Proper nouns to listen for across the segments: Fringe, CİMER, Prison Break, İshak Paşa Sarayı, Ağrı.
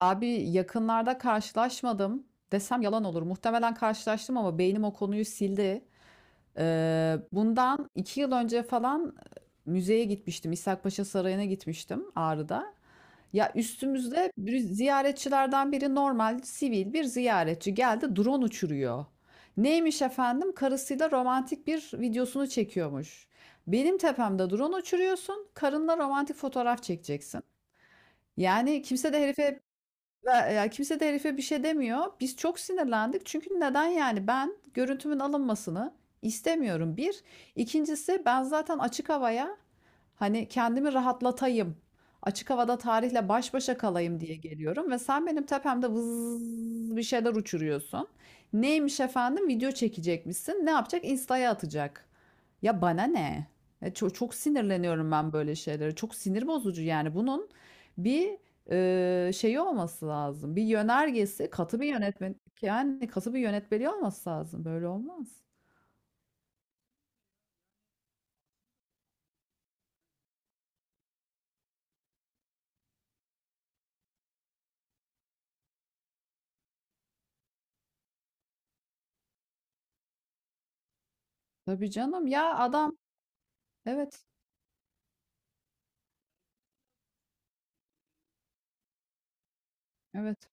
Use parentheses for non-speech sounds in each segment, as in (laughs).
Abi yakınlarda karşılaşmadım desem yalan olur. Muhtemelen karşılaştım ama beynim o konuyu sildi. Bundan 2 yıl önce falan müzeye gitmiştim. İshak Paşa Sarayı'na gitmiştim Ağrı'da. Ya üstümüzde bir ziyaretçilerden biri normal sivil bir ziyaretçi geldi drone uçuruyor. Neymiş efendim? Karısıyla romantik bir videosunu çekiyormuş. Benim tepemde drone uçuruyorsun, karınla romantik fotoğraf çekeceksin. Yani kimse de herife bir şey demiyor. Biz çok sinirlendik. Çünkü neden yani ben görüntümün alınmasını istemiyorum. Bir. İkincisi ben zaten açık havaya, hani kendimi rahatlatayım, açık havada tarihle baş başa kalayım diye geliyorum ve sen benim tepemde vız bir şeyler uçuruyorsun. Neymiş efendim? Video çekecekmişsin. Ne yapacak? Insta'ya atacak. Ya bana ne? Ya çok, çok sinirleniyorum ben böyle şeylere. Çok sinir bozucu yani. Bunun bir şeyi olması lazım. Bir yönergesi, katı bir yönetmen yani katı bir yönetmeliği olması lazım. Böyle olmaz. Tabii canım. Ya adam, evet. Evet.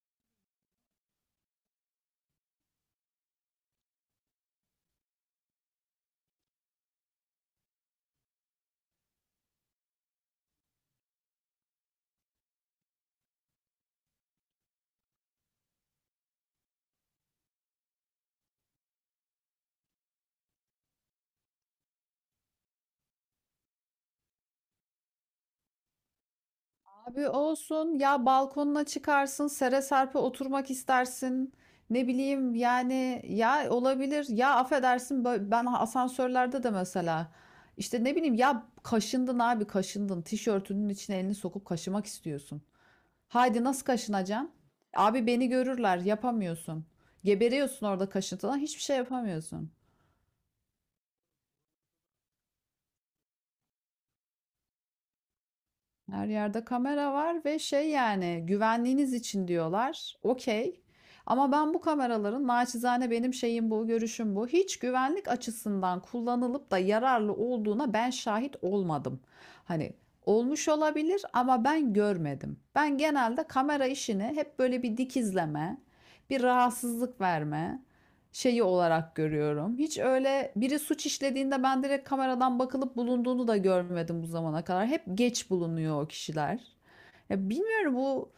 Abi olsun ya, balkonuna çıkarsın, sere serpe oturmak istersin, ne bileyim yani, ya olabilir, ya affedersin, ben asansörlerde de mesela işte ne bileyim, ya kaşındın abi, kaşındın, tişörtünün içine elini sokup kaşımak istiyorsun. Haydi nasıl kaşınacaksın? Abi beni görürler, yapamıyorsun. Geberiyorsun orada kaşıntıdan, hiçbir şey yapamıyorsun. Her yerde kamera var ve şey, yani güvenliğiniz için diyorlar. Okey. Ama ben bu kameraların, naçizane benim şeyim bu, görüşüm bu. Hiç güvenlik açısından kullanılıp da yararlı olduğuna ben şahit olmadım. Hani olmuş olabilir ama ben görmedim. Ben genelde kamera işini hep böyle bir dikizleme, bir rahatsızlık verme şeyi olarak görüyorum. Hiç öyle biri suç işlediğinde ben direkt kameradan bakılıp bulunduğunu da görmedim bu zamana kadar. Hep geç bulunuyor o kişiler. Ya bilmiyorum, bu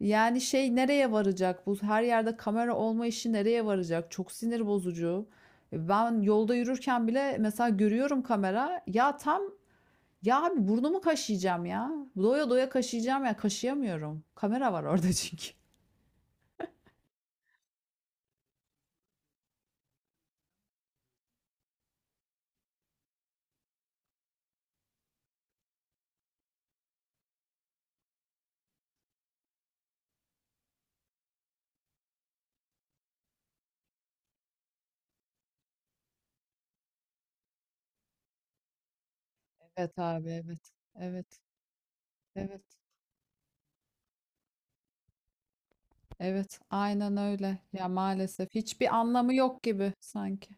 yani şey nereye varacak? Bu her yerde kamera olma işi nereye varacak? Çok sinir bozucu. Ben yolda yürürken bile mesela görüyorum kamera. Ya tam, ya abi burnumu kaşıyacağım ya. Doya doya kaşıyacağım ya, kaşıyamıyorum. Kamera var orada (laughs) çünkü. Evet abi, evet. Evet. Evet. Evet, aynen öyle. Ya maalesef hiçbir anlamı yok gibi sanki.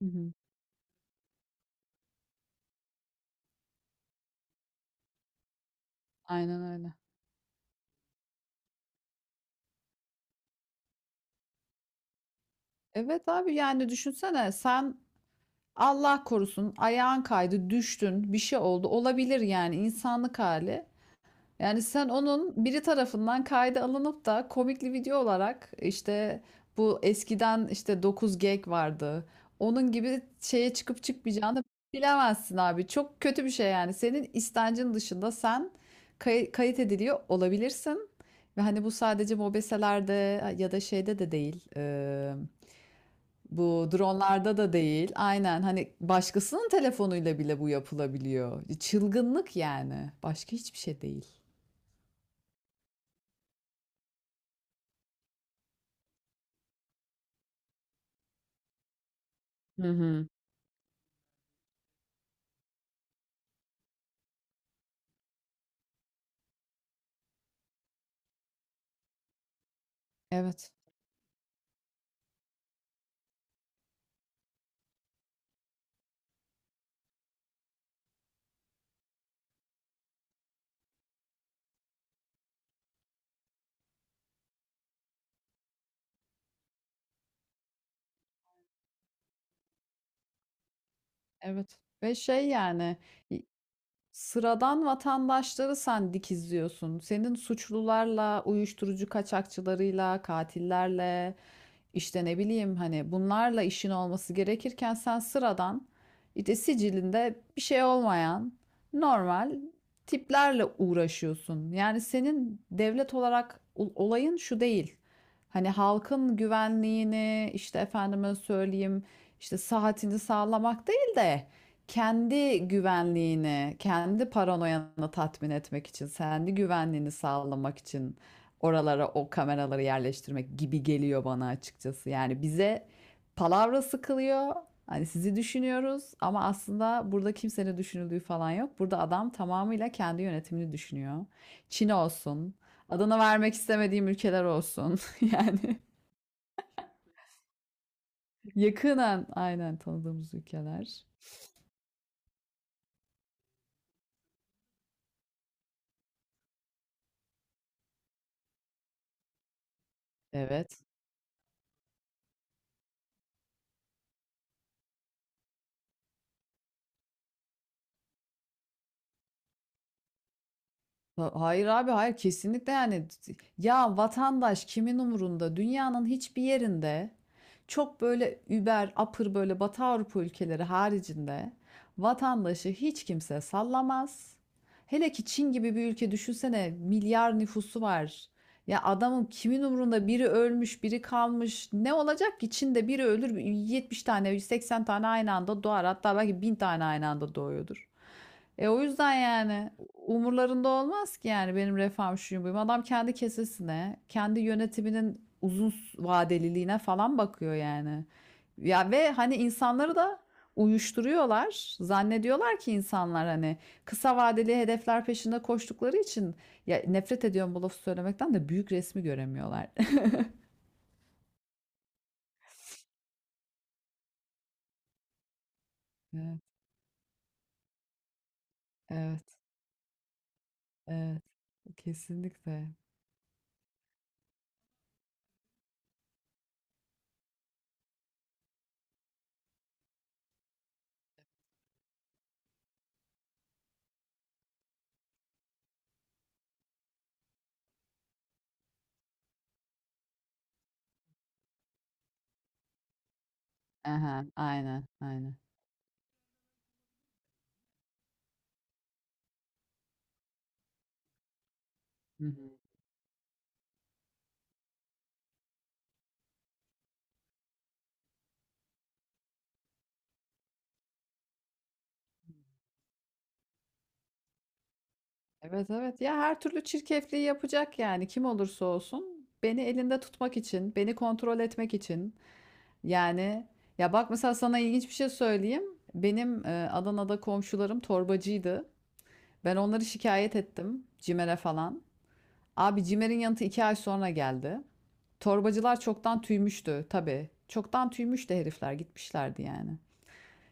Hı hı. Aynen öyle. Evet abi, yani düşünsene sen, Allah korusun, ayağın kaydı, düştün, bir şey oldu, olabilir yani, insanlık hali. Yani sen onun biri tarafından kayda alınıp da komikli video olarak, işte bu eskiden işte 9 gag vardı. Onun gibi şeye çıkıp çıkmayacağını bilemezsin abi. Çok kötü bir şey yani. Senin istencin dışında sen kayıt ediliyor olabilirsin. Ve hani bu sadece mobeselerde ya da şeyde de değil. Bu dronlarda da değil. Aynen hani başkasının telefonuyla bile bu yapılabiliyor. Çılgınlık yani. Başka hiçbir şey değil. Hı hı. Evet, evet ve şey yani, i sıradan vatandaşları sen dikizliyorsun. Senin suçlularla, uyuşturucu kaçakçılarıyla, katillerle, işte ne bileyim hani bunlarla işin olması gerekirken sen sıradan, işte sicilinde bir şey olmayan, normal tiplerle uğraşıyorsun. Yani senin devlet olarak olayın şu değil. Hani halkın güvenliğini, işte efendime söyleyeyim, işte saatini sağlamak değil de kendi güvenliğini, kendi paranoyanı tatmin etmek için, kendi güvenliğini sağlamak için oralara o kameraları yerleştirmek gibi geliyor bana açıkçası. Yani bize palavra sıkılıyor. Hani sizi düşünüyoruz ama aslında burada kimsenin düşünüldüğü falan yok. Burada adam tamamıyla kendi yönetimini düşünüyor. Çin olsun, adını vermek istemediğim ülkeler olsun. (laughs) Yani yakından aynen tanıdığımız ülkeler. Evet. Hayır abi, hayır, kesinlikle yani, ya vatandaş kimin umurunda dünyanın hiçbir yerinde? Çok böyle über apır böyle Batı Avrupa ülkeleri haricinde vatandaşı hiç kimse sallamaz. Hele ki Çin gibi bir ülke düşünsene, milyar nüfusu var. Ya adamın, kimin umurunda, biri ölmüş, biri kalmış, ne olacak ki? Çin'de biri ölür, 70 tane, 80 tane aynı anda doğar, hatta belki 1000 tane aynı anda doğuyordur. E o yüzden yani umurlarında olmaz ki, yani benim refahım, şuyum, buyum. Adam kendi kesesine, kendi yönetiminin uzun vadeliliğine falan bakıyor yani. Ya ve hani insanları da uyuşturuyorlar. Zannediyorlar ki insanlar hani kısa vadeli hedefler peşinde koştukları için, ya nefret ediyorum bu lafı söylemekten de, büyük resmi göremiyorlar. (laughs) Evet, evet, evet. Kesinlikle. Aha, aynen, aynen. Hı hı. Evet evet, ya her türlü çirkefliği yapacak yani, kim olursa olsun, beni elinde tutmak için, beni kontrol etmek için. Yani ya bak, mesela sana ilginç bir şey söyleyeyim, benim Adana'da komşularım torbacıydı. Ben onları şikayet ettim CİMER'e falan, abi CİMER'in yanıtı 2 ay sonra geldi. Torbacılar çoktan tüymüştü, tabii çoktan tüymüştü herifler, gitmişlerdi yani.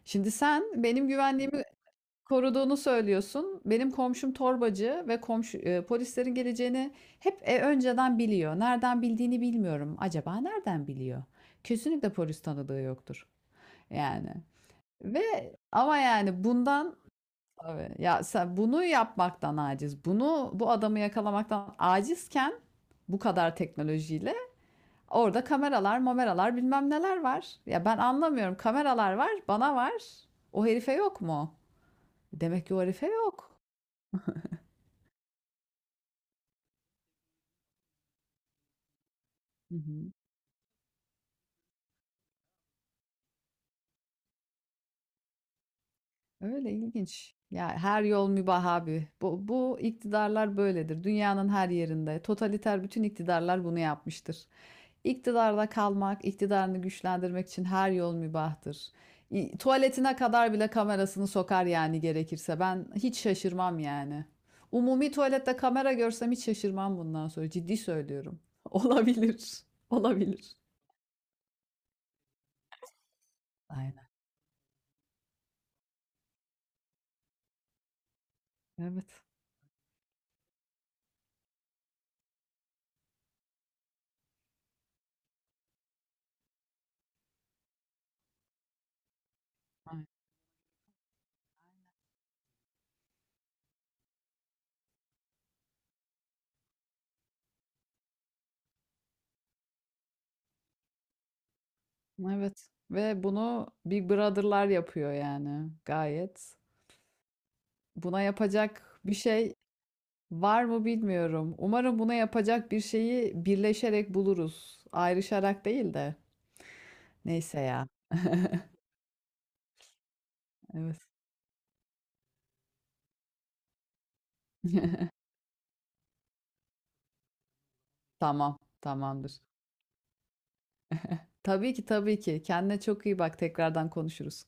Şimdi sen benim güvenliğimi koruduğunu söylüyorsun. Benim komşum torbacı ve komşu polislerin geleceğini hep önceden biliyor. Nereden bildiğini bilmiyorum. Acaba nereden biliyor? Kesinlikle polis tanıdığı yoktur. Yani ve ama yani bundan, tabii ya sen bunu yapmaktan aciz. Bunu, bu adamı yakalamaktan acizken bu kadar teknolojiyle orada kameralar, mameralar, bilmem neler var. Ya ben anlamıyorum. Kameralar var, bana var. O herife yok mu? Demek ki o herife yok. Hı hı. Öyle ilginç. Ya her yol mübah abi. Bu iktidarlar böyledir. Dünyanın her yerinde. Totaliter bütün iktidarlar bunu yapmıştır. İktidarda kalmak, iktidarını güçlendirmek için her yol mübahtır. Tuvaletine kadar bile kamerasını sokar yani gerekirse. Ben hiç şaşırmam yani. Umumi tuvalette kamera görsem hiç şaşırmam bundan sonra. Ciddi söylüyorum. (laughs) Olabilir. Olabilir. Aynen. Evet. Evet ve bunu Big Brother'lar yapıyor yani gayet. Buna yapacak bir şey var mı bilmiyorum. Umarım buna yapacak bir şeyi birleşerek buluruz. Ayrışarak değil de. Neyse ya. (laughs) Evet. (laughs) Tamam, tamamdır. Tabii ki, tabii ki. Kendine çok iyi bak. Tekrardan konuşuruz.